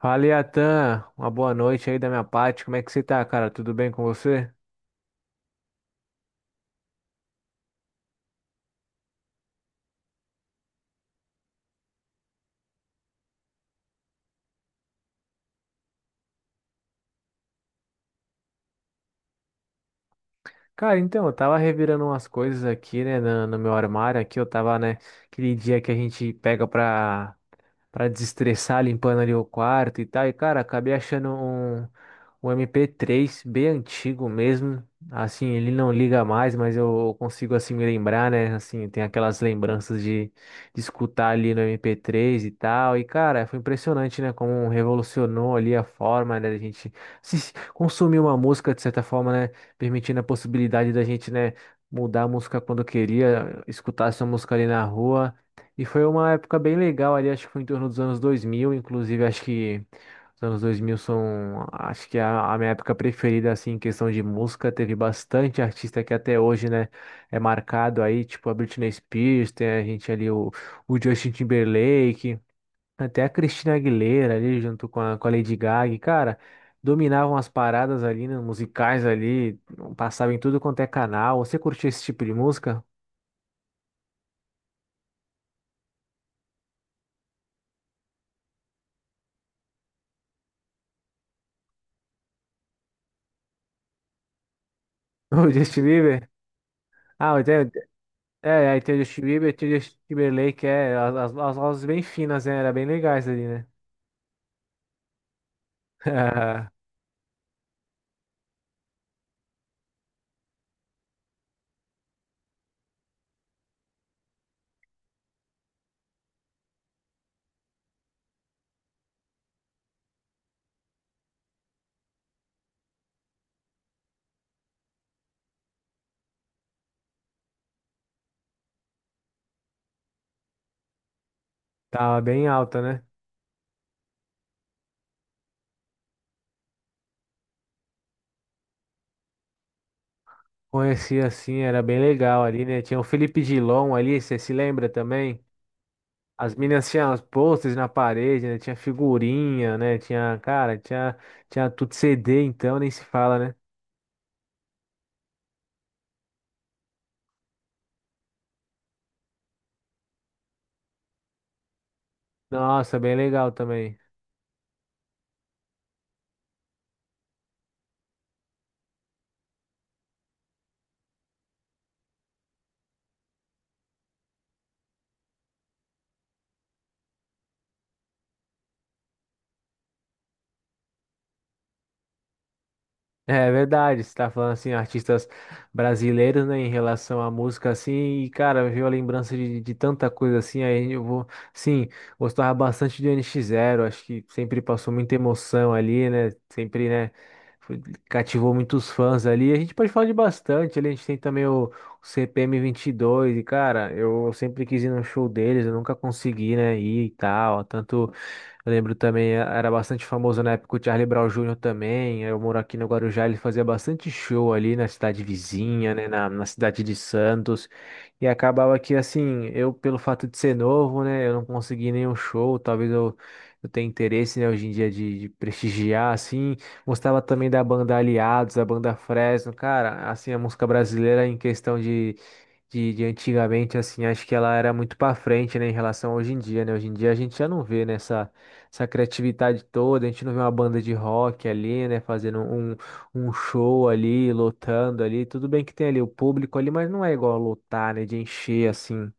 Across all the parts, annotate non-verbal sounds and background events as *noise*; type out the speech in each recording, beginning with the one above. Fala, Iatan. Uma boa noite aí da minha parte. Como é que você tá, cara? Tudo bem com você? Cara, então, eu tava revirando umas coisas aqui, né, no, meu armário aqui, eu tava, né, aquele dia que a gente pega pra desestressar, limpando ali o quarto e tal, e cara, acabei achando um MP3 bem antigo mesmo, assim, ele não liga mais, mas eu consigo, assim, me lembrar, né, assim, tem aquelas lembranças de escutar ali no MP3 e tal, e cara, foi impressionante, né, como revolucionou ali a forma, né, da gente consumir uma música, de certa forma, né, permitindo a possibilidade da gente, né, mudar a música quando queria, escutar essa música ali na rua. E foi uma época bem legal ali, acho que foi em torno dos anos 2000, inclusive acho que os anos 2000 são, acho que é a minha época preferida, assim, em questão de música. Teve bastante artista que até hoje, né, é marcado aí, tipo a Britney Spears, tem a gente ali o Justin Timberlake. Até a Cristina Aguilera ali, junto com a Lady Gaga, e, cara, dominavam as paradas ali, né, musicais ali, passavam em tudo quanto é canal. Você curtiu esse tipo de música? *laughs* O Justin Bieber? Ah, tem, é, aí tem o Justin Bieber, tem o Justin Timberlake, é, as vozes bem finas, né, era bem legais ali, né? *laughs* Tava bem alta, né? Conhecia assim, era bem legal ali, né? Tinha o Felipe Dilon ali, você se lembra também? As meninas tinham os posters na parede, né? Tinha figurinha, né? Tinha, cara, tinha tudo CD, então nem se fala, né? Nossa, bem legal também. É verdade, você tá falando assim, artistas brasileiros, né, em relação à música, assim, e cara, veio a lembrança de tanta coisa assim, aí eu vou, sim, gostava bastante de NX Zero, acho que sempre passou muita emoção ali, né, sempre, né, foi- cativou muitos fãs ali, a gente pode falar de bastante ali, a gente tem também o CPM 22, e dois, e cara, eu sempre quis ir no show deles, eu nunca consegui, né, ir e tal, tanto eu lembro também, era bastante famoso na época o Charlie Brown Júnior também. Eu moro aqui no Guarujá, ele fazia bastante show ali na cidade vizinha, né, na cidade de Santos. E acabava que, assim, eu, pelo fato de ser novo, né, eu não consegui nenhum show. Talvez eu tenha interesse, né, hoje em dia de prestigiar, assim. Gostava também da banda Aliados, da banda Fresno. Cara, assim, a música brasileira em questão de antigamente, assim, acho que ela era muito para frente, né, em relação a hoje em dia, né? Hoje em dia a gente já não vê nessa essa criatividade toda, a gente não vê uma banda de rock ali, né, fazendo um show ali, lotando ali, tudo bem que tem ali o público ali, mas não é igual a lotar, né, de encher assim.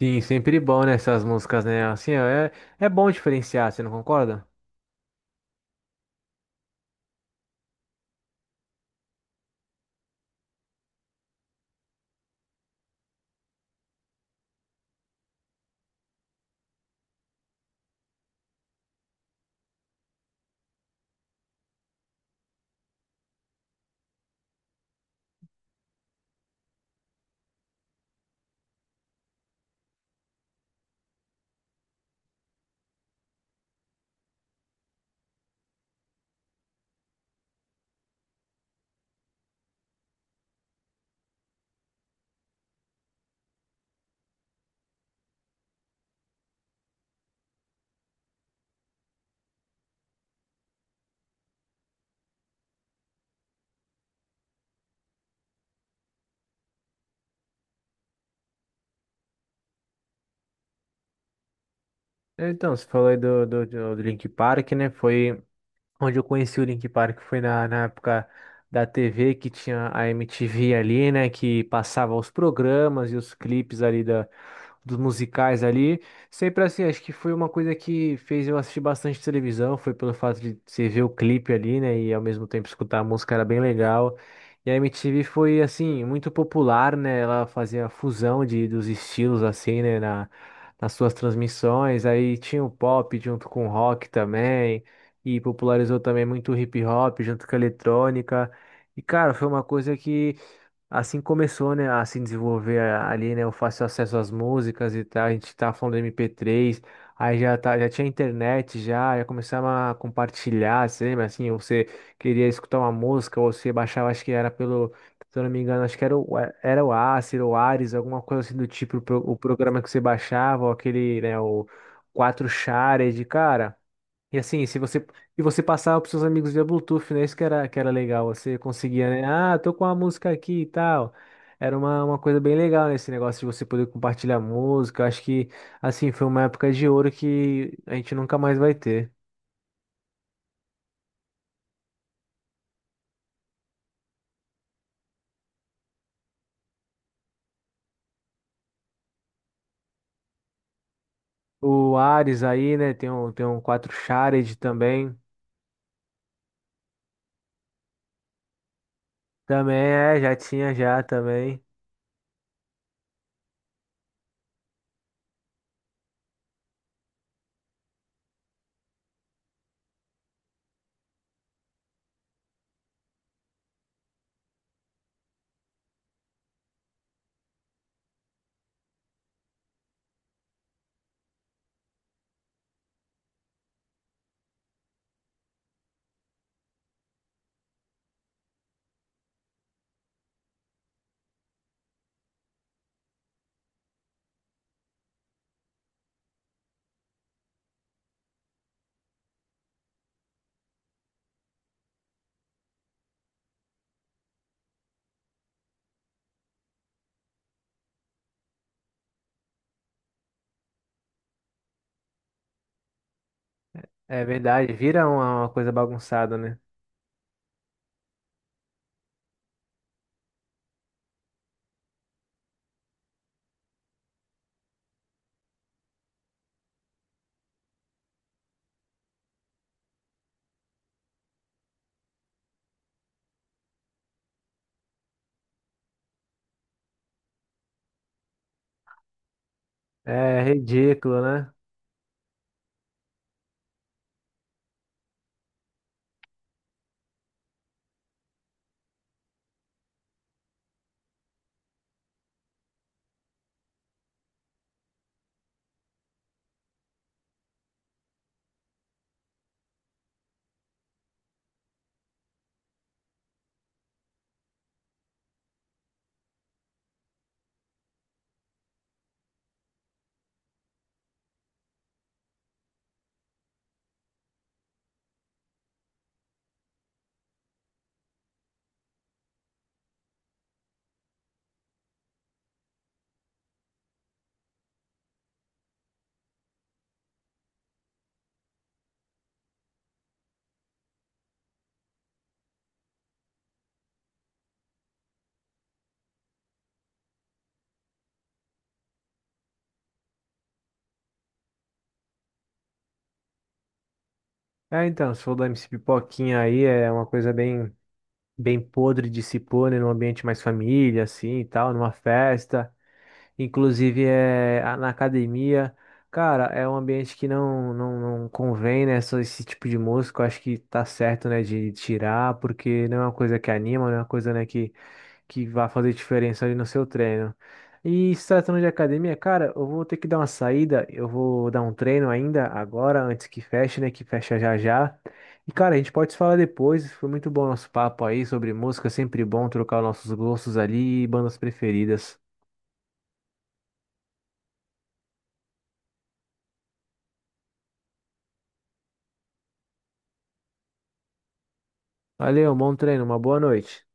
Sim, sempre bom, né, essas músicas, né, assim, ó, é, é bom diferenciar, você não concorda? É, então, você falou aí do Linkin Park, né, foi onde eu conheci o Link Park foi na época da TV, que tinha a MTV ali, né, que passava os programas e os clipes ali dos musicais ali. Sempre assim, acho que foi uma coisa que fez eu assistir bastante televisão, foi pelo fato de você ver o clipe ali, né, e ao mesmo tempo escutar a música era bem legal. E a MTV foi, assim, muito popular, né, ela fazia a fusão dos estilos, assim, né, Nas suas transmissões, aí tinha o pop junto com o rock também e popularizou também muito o hip hop junto com a eletrônica. E, cara, foi uma coisa que assim começou, né, a se desenvolver ali, né, o fácil acesso às músicas e tal. A gente tá falando de MP3, aí já tá, já tinha internet já, já começava a compartilhar, você lembra assim, você queria escutar uma música ou você baixava, acho que era pelo. Se eu não me engano, acho que era o Acer, o Ares, alguma coisa assim do tipo, o programa que você baixava, ou aquele, né, o 4 Shared, cara. E assim, se você e você passava pros seus amigos via Bluetooth, né? Isso que era legal. Você conseguia, né? Ah, tô com a música aqui e tal. Era uma coisa bem legal, né? Esse negócio de você poder compartilhar música. Eu acho que, assim, foi uma época de ouro que a gente nunca mais vai ter. O Ares aí, né? Tem um quatro Shared também. Também é, já tinha já também. É verdade, vira uma coisa bagunçada, né? É ridículo, né? É, então, se for do MC Pipoquinha aí, é uma coisa bem podre de se pôr, né, num ambiente mais família, assim, e tal, numa festa, inclusive é na academia. Cara, é um ambiente que não, não, não convém, né, só esse tipo de música, eu acho que tá certo, né, de tirar, porque não é uma coisa que anima, não é uma coisa, né, que vai fazer diferença ali no seu treino. E se tratando de academia, cara, eu vou ter que dar uma saída, eu vou dar um treino ainda agora, antes que feche, né? Que fecha já já. E, cara, a gente pode se falar depois. Foi muito bom o nosso papo aí sobre música, sempre bom trocar os nossos gostos ali e bandas preferidas. Valeu, bom treino, uma boa noite.